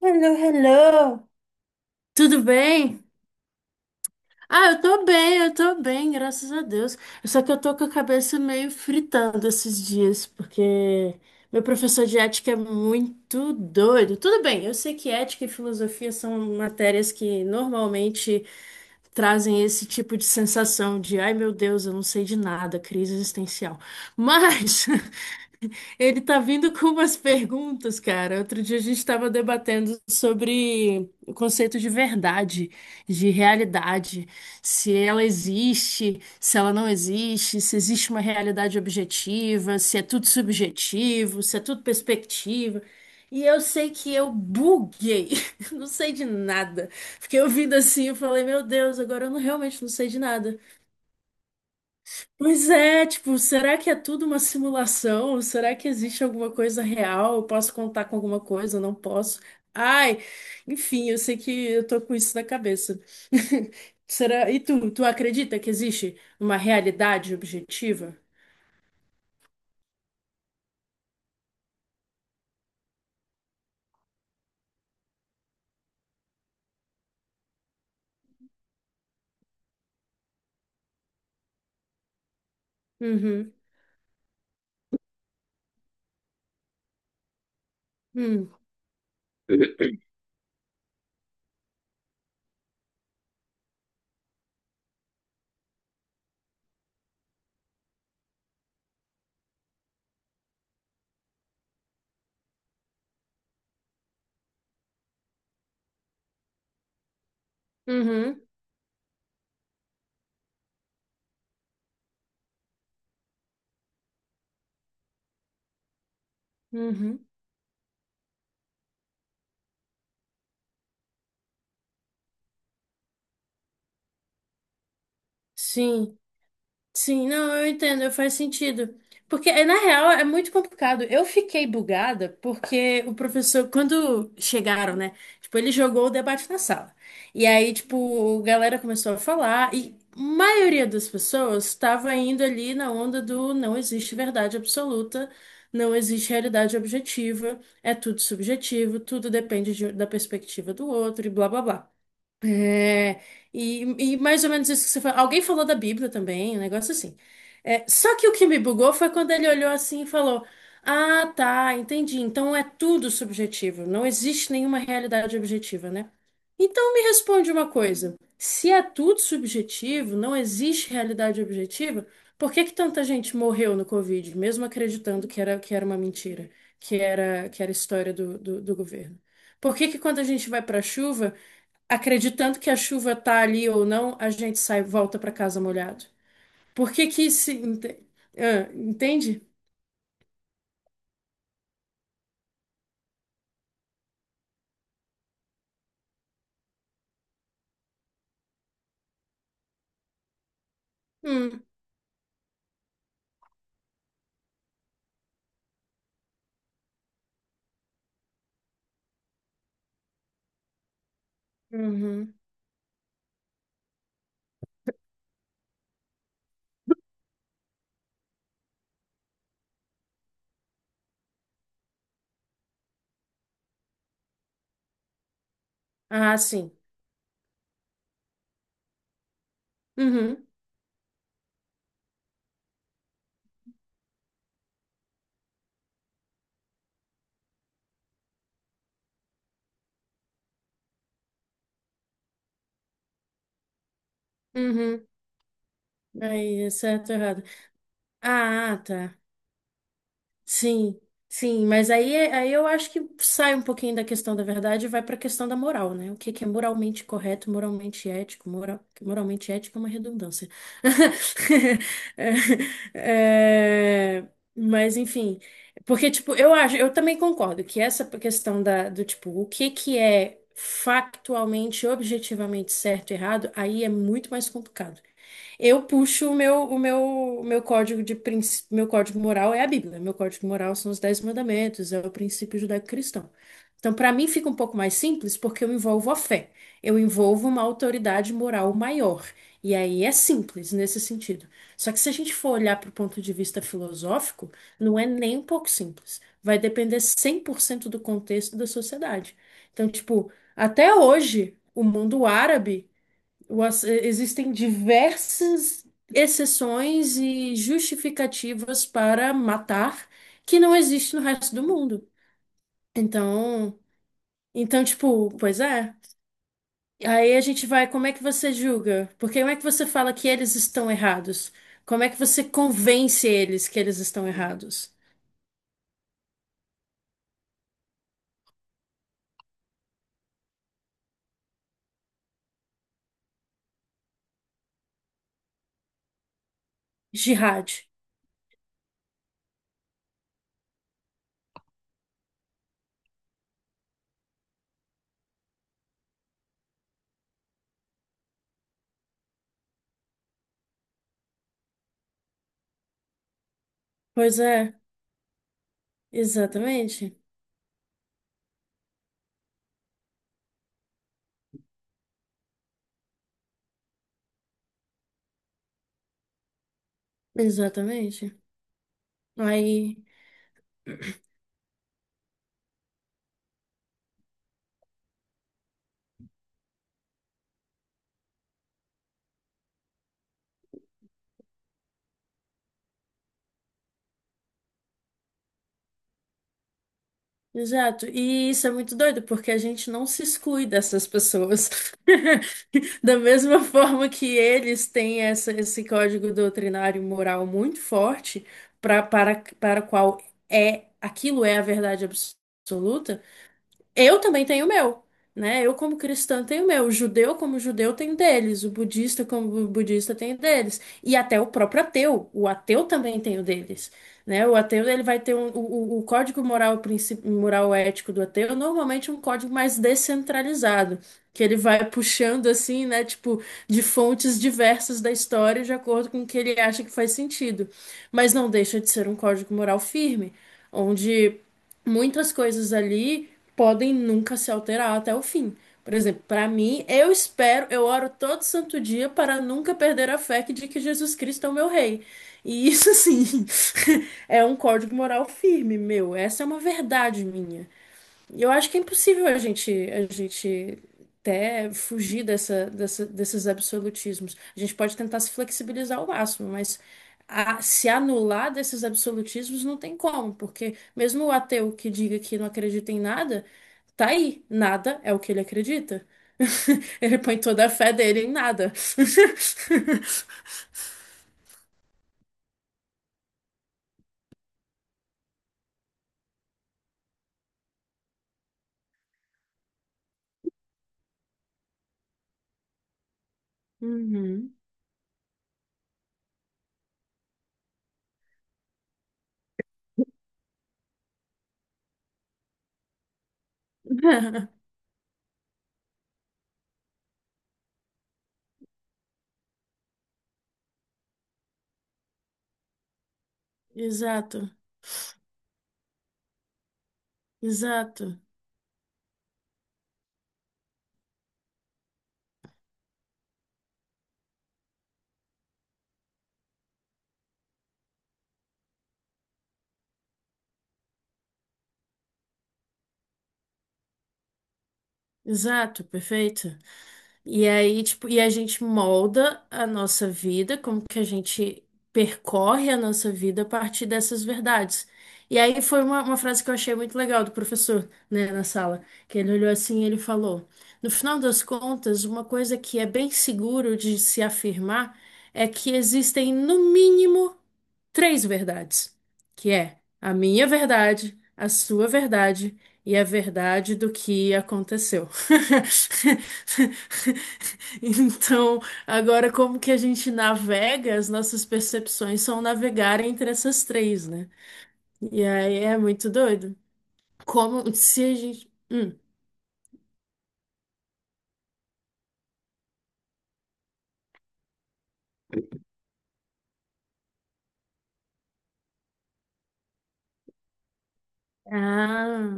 Hello, hello. Tudo bem? Ah, eu tô bem, graças a Deus. Só que eu tô com a cabeça meio fritando esses dias, porque meu professor de ética é muito doido. Tudo bem, eu sei que ética e filosofia são matérias que normalmente trazem esse tipo de sensação de, ai meu Deus, eu não sei de nada, crise existencial. Mas ele tá vindo com umas perguntas, cara. Outro dia a gente estava debatendo sobre o conceito de verdade, de realidade, se ela existe, se ela não existe, se existe uma realidade objetiva, se é tudo subjetivo, se é tudo perspectiva. E eu sei que eu buguei, não sei de nada. Fiquei ouvindo assim, eu falei, meu Deus, agora eu não, realmente não sei de nada. Pois é, tipo, será que é tudo uma simulação? Será que existe alguma coisa real? Eu posso contar com alguma coisa? Eu não posso. Ai, enfim, eu sei que eu tô com isso na cabeça. Será? E tu acredita que existe uma realidade objetiva? Uhum, hum, uhum, uhum. Sim. Sim, não, eu entendo, faz sentido. Porque, na real, é muito complicado. Eu fiquei bugada porque o professor, quando chegaram, né? Tipo, ele jogou o debate na sala. E aí, tipo, a galera começou a falar e a maioria das pessoas estava indo ali na onda do não existe verdade absoluta, não existe realidade objetiva, é tudo subjetivo, tudo depende da perspectiva do outro e blá, blá, blá. É, e, e mais ou menos isso que você falou. Alguém falou da Bíblia também, um negócio assim. É, só que o que me bugou foi quando ele olhou assim e falou: Ah, tá, entendi. Então é tudo subjetivo. Não existe nenhuma realidade objetiva, né? Então me responde uma coisa: se é tudo subjetivo, não existe realidade objetiva, por que que tanta gente morreu no Covid, mesmo acreditando que era uma mentira, que era história do governo? Por que que quando a gente vai para a chuva acreditando que a chuva tá ali ou não, a gente sai, volta para casa molhado. Por que que se ente- ah, entende? Hum, uhum. Ah, sim. Uhum, uhum. Aí, é certo, ou errado. Ah, tá. Sim, sim, mas aí, é, aí eu acho que sai um pouquinho da questão da verdade e vai para a questão da moral, né? O que que é moralmente correto, moralmente ético, moral, moralmente ético é uma redundância. É, é, mas enfim, porque tipo, eu também concordo que essa questão da, do tipo, o que que é factualmente, objetivamente certo e errado, aí é muito mais complicado. Eu puxo o meu código de princ- meu código moral é a Bíblia. Meu código moral são os Dez Mandamentos, é o princípio judaico-cristão. Então, para mim fica um pouco mais simples porque eu envolvo a fé. Eu envolvo uma autoridade moral maior. E aí é simples nesse sentido. Só que se a gente for olhar para o ponto de vista filosófico, não é nem um pouco simples. Vai depender 100% do contexto da sociedade. Então, tipo, até hoje, o mundo árabe, existem diversas exceções e justificativas para matar que não existe no resto do mundo. Então, então, tipo, pois é. Aí a gente vai, como é que você julga? Porque como é que você fala que eles estão errados? Como é que você convence eles que eles estão errados? Jihad. Pois é, exatamente. Exatamente. Aí. Exato, e isso é muito doido, porque a gente não se exclui dessas pessoas. Da mesma forma que eles têm esse código doutrinário moral muito forte, para o qual é aquilo é a verdade absoluta, eu também tenho o meu, né? Eu, como cristã, tenho o meu. O judeu, como judeu, tem o deles. O budista, como budista, tem o deles. E até o próprio ateu. O ateu também tem o deles, né? O ateu, ele vai ter o código moral, moral ético do ateu, normalmente é um código mais descentralizado, que ele vai puxando, assim, né? Tipo, de fontes diversas da história, de acordo com o que ele acha que faz sentido. Mas não deixa de ser um código moral firme, onde muitas coisas ali podem nunca se alterar até o fim. Por exemplo, para mim, eu espero, eu oro todo santo dia para nunca perder a fé de que Jesus Cristo é o meu rei. E isso, assim, é um código moral firme, meu. Essa é uma verdade minha. Eu acho que é impossível a gente até fugir desses absolutismos. A gente pode tentar se flexibilizar ao máximo, mas se anular desses absolutismos não tem como, porque mesmo o ateu que diga que não acredita em nada, tá aí, nada é o que ele acredita. Ele põe toda a fé dele em nada. Uhum. Exato, exato, exato, perfeito. E aí, tipo, e a gente molda a nossa vida, como que a gente percorre a nossa vida a partir dessas verdades. E aí foi uma frase que eu achei muito legal do professor, né, na sala, que ele olhou assim e ele falou: No final das contas, uma coisa que é bem seguro de se afirmar é que existem, no mínimo, três verdades, que é a minha verdade, a sua verdade e a verdade do que aconteceu. Então, agora como que a gente navega, as nossas percepções são navegar entre essas três, né? E aí é muito doido. Como se a gente. Hum. Ah,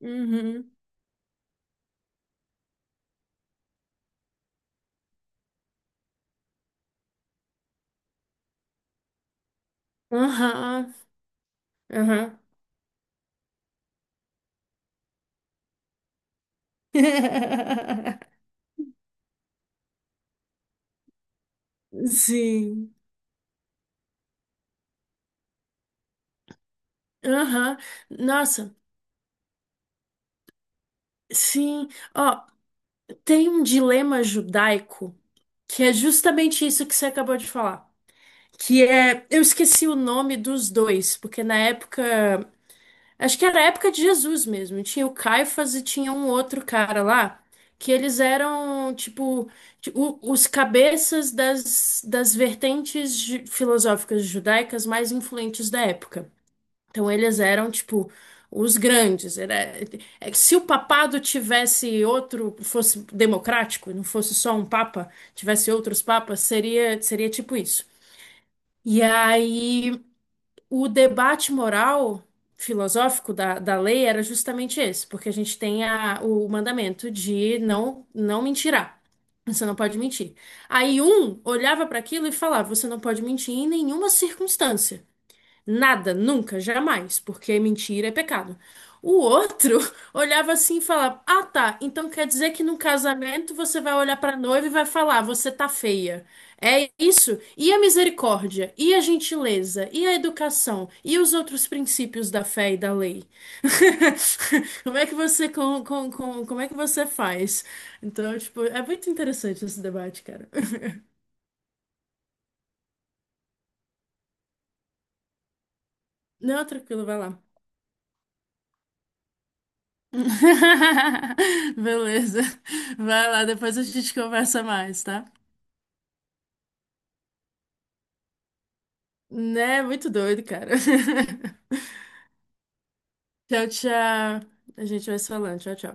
uhum, aham, aham. Sim, aham. Nossa. Sim, ó, tem um dilema judaico que é justamente isso que você acabou de falar. Que é, eu esqueci o nome dos dois, porque na época, acho que era a época de Jesus mesmo. Tinha o Caifás e tinha um outro cara lá, que eles eram, tipo, os cabeças das vertentes filosóficas judaicas mais influentes da época. Então eles eram tipo os grandes. É que se o papado tivesse outro, fosse democrático, não fosse só um papa, tivesse outros papas, seria tipo isso. E aí o debate moral filosófico da lei era justamente esse, porque a gente tem o mandamento de não mentirá. Você não pode mentir. Aí um olhava para aquilo e falava: você não pode mentir em nenhuma circunstância. Nada, nunca, jamais, porque mentira é pecado. O outro olhava assim e falava: Ah, tá, então quer dizer que num casamento você vai olhar pra noiva e vai falar: Você tá feia. É isso? E a misericórdia? E a gentileza? E a educação? E os outros princípios da fé e da lei? Como é que você, como é que você faz? Então, tipo, é muito interessante esse debate, cara. Não, tranquilo, vai lá. Beleza. Vai lá, depois a gente conversa mais, tá? Né? Muito doido, cara. Tchau, tchau. A gente vai se falando. Tchau, tchau.